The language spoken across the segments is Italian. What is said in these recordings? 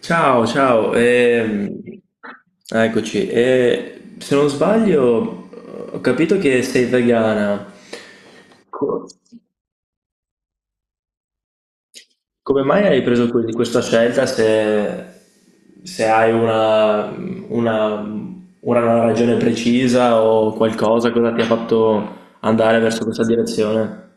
Ciao, ciao, eccoci. E se non sbaglio, ho capito che sei vegana. Co- Come mai hai preso questa scelta se, se hai una, una, una ragione precisa o qualcosa, cosa ti ha fatto andare verso questa direzione?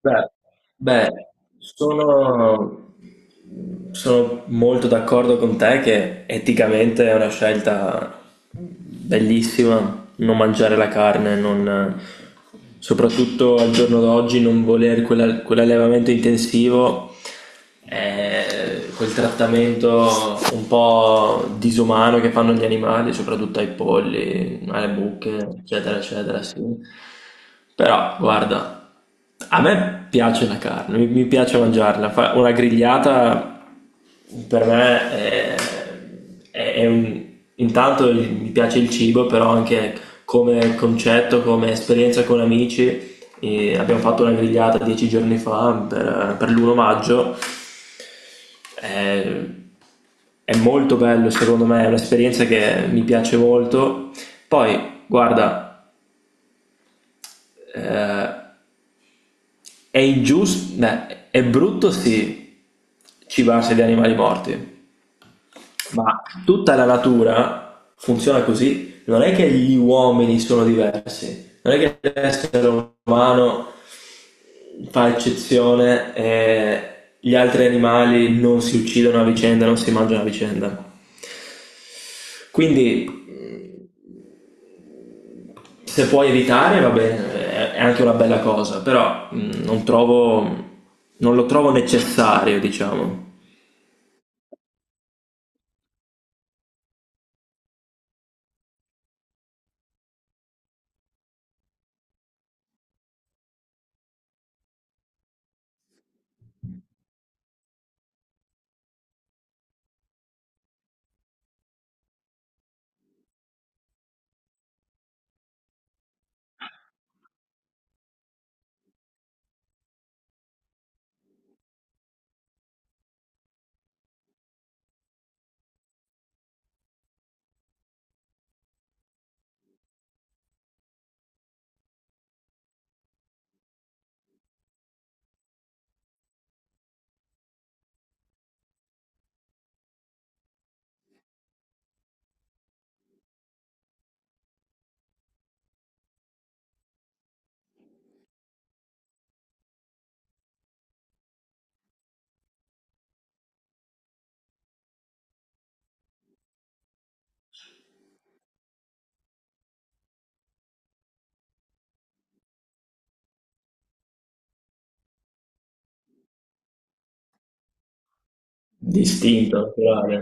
Beh, beh, sono, sono molto d'accordo con te che eticamente è una scelta bellissima, non mangiare la carne, soprattutto al giorno d'oggi, non voler quell'allevamento intensivo, quel trattamento un po' disumano che fanno gli animali, soprattutto ai polli, alle buche, eccetera, eccetera, sì. Però, guarda, a me piace la carne, mi piace mangiarla. Una grigliata per me è un... Intanto mi piace il cibo, però anche come concetto, come esperienza con amici. E abbiamo fatto una grigliata 10 giorni fa per l'1 maggio. È, è molto bello, secondo me, è un'esperienza che mi piace molto. Poi, guarda, eh, è ingiusto, beh, è brutto sì cibarsi di animali morti, ma tutta la natura funziona così. Non è che gli uomini sono diversi, non è che l'essere umano fa eccezione e gli altri animali non si uccidono a vicenda, non si mangiano a vicenda. Quindi se puoi evitare, va bene, è anche una bella cosa, però non lo trovo necessario, diciamo, d'istinto naturale.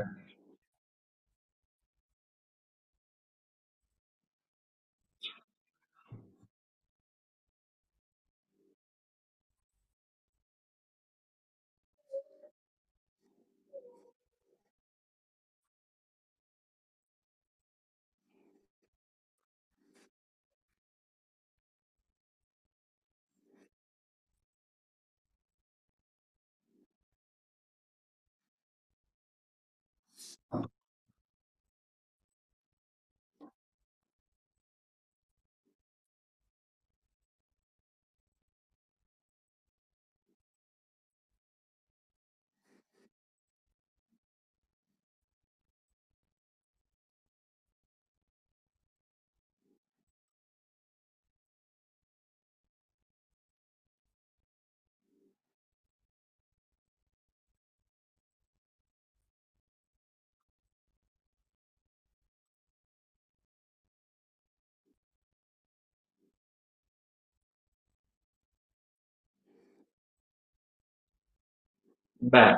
Beh,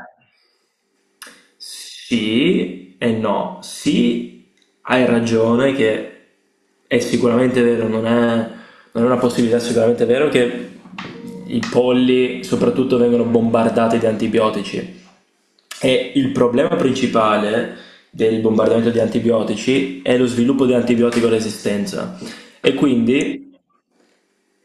sì e no. Sì, hai ragione che è sicuramente vero, non è una possibilità, sicuramente vero che i polli soprattutto vengono bombardati di antibiotici. E il problema principale del bombardamento di antibiotici è lo sviluppo di antibiotico resistenza. E quindi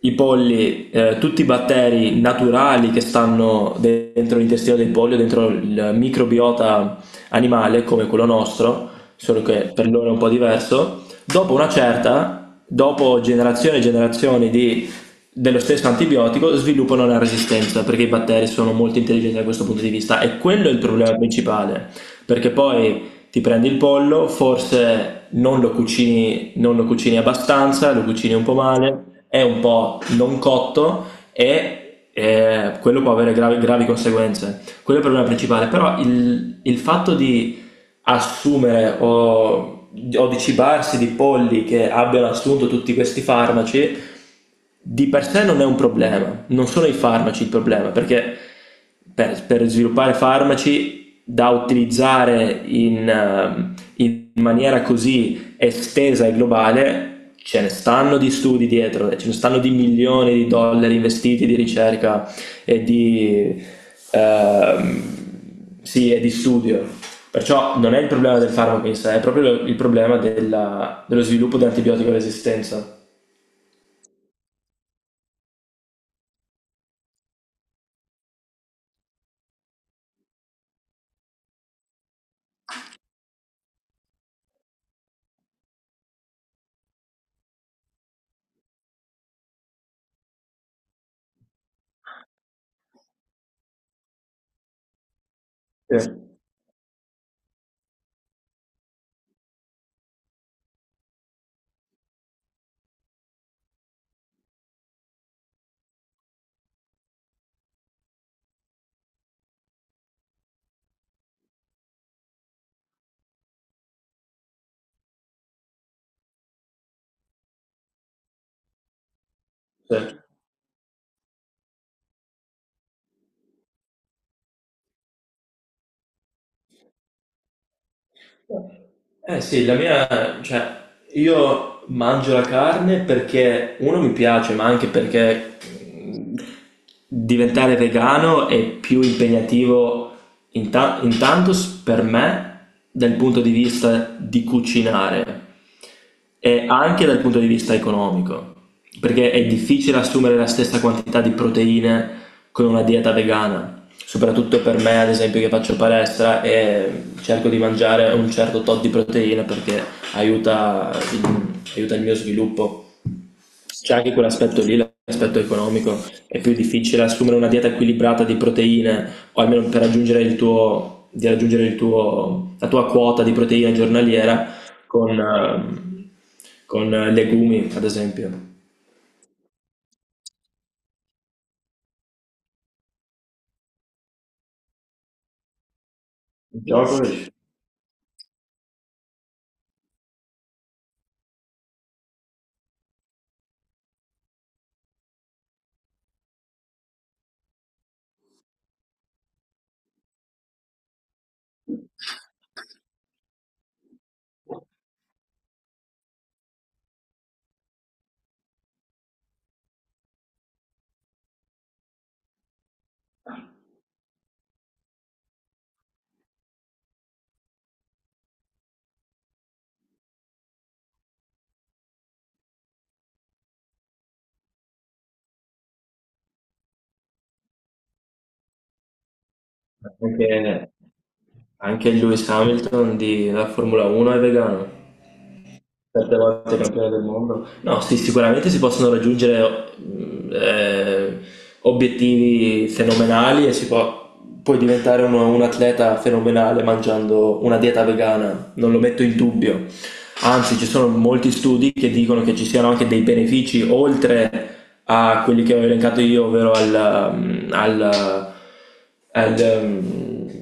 i polli, tutti i batteri naturali che stanno dentro l'intestino del pollo, dentro il microbiota animale come quello nostro, solo che per loro è un po' diverso, dopo dopo generazioni e generazioni dello stesso antibiotico, sviluppano una resistenza perché i batteri sono molto intelligenti da questo punto di vista e quello è il problema principale, perché poi ti prendi il pollo, forse non lo cucini, non lo cucini abbastanza, lo cucini un po' male, è un po' non cotto e quello può avere gravi, gravi conseguenze. Quello è il problema principale, però il fatto di assumere o di cibarsi di polli che abbiano assunto tutti questi farmaci, di per sé non è un problema, non sono i farmaci il problema, perché per sviluppare farmaci da utilizzare in, in maniera così estesa e globale, ce ne stanno di studi dietro, ce ne stanno di milioni di dollari investiti di ricerca e ehm, sì, e di studio. Perciò non è il problema del farmaco in sé, è proprio il problema dello sviluppo dell'antibiotico resistenza. Sì. Sì. Eh sì, la mia, cioè, io mangio la carne perché uno mi piace, ma anche perché mh, diventare vegano è più impegnativo, intanto per me dal punto di vista di cucinare e anche dal punto di vista economico, perché è difficile assumere la stessa quantità di proteine con una dieta vegana, soprattutto per me, ad esempio, che faccio palestra e cerco di mangiare un certo tot di proteine perché aiuta, aiuta il mio sviluppo. C'è anche quell'aspetto lì, l'aspetto economico. È più difficile assumere una dieta equilibrata di proteine, o almeno per raggiungere di raggiungere il tuo, la tua quota di proteine giornaliera con, ehm, con legumi, ad esempio. Djokovic, anche, anche Lewis Hamilton della Formula 1 è vegano. Sette volte campione del mondo. No, sì, sicuramente si possono raggiungere obiettivi fenomenali e puoi diventare un atleta fenomenale mangiando una dieta vegana, non lo metto in dubbio. Anzi, ci sono molti studi che dicono che ci siano anche dei benefici oltre a quelli che ho elencato io, ovvero al, mm, al, al, mm,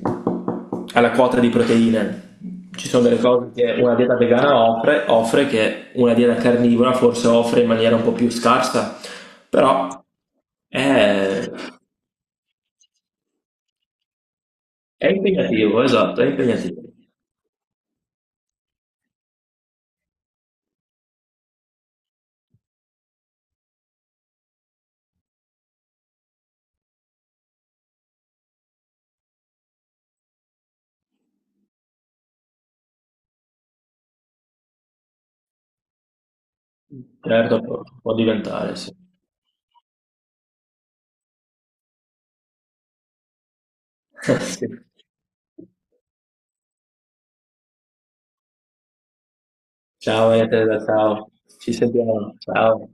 alla quota di proteine. Ci sono delle cose che una dieta vegana offre che una dieta carnivora forse offre in maniera un po' più scarsa, però è, è impegnativo, esatto, è impegnativo. Certo, può, può diventare, sì. Sì. Ciao, Ete, ciao. Ci sentiamo. Ciao.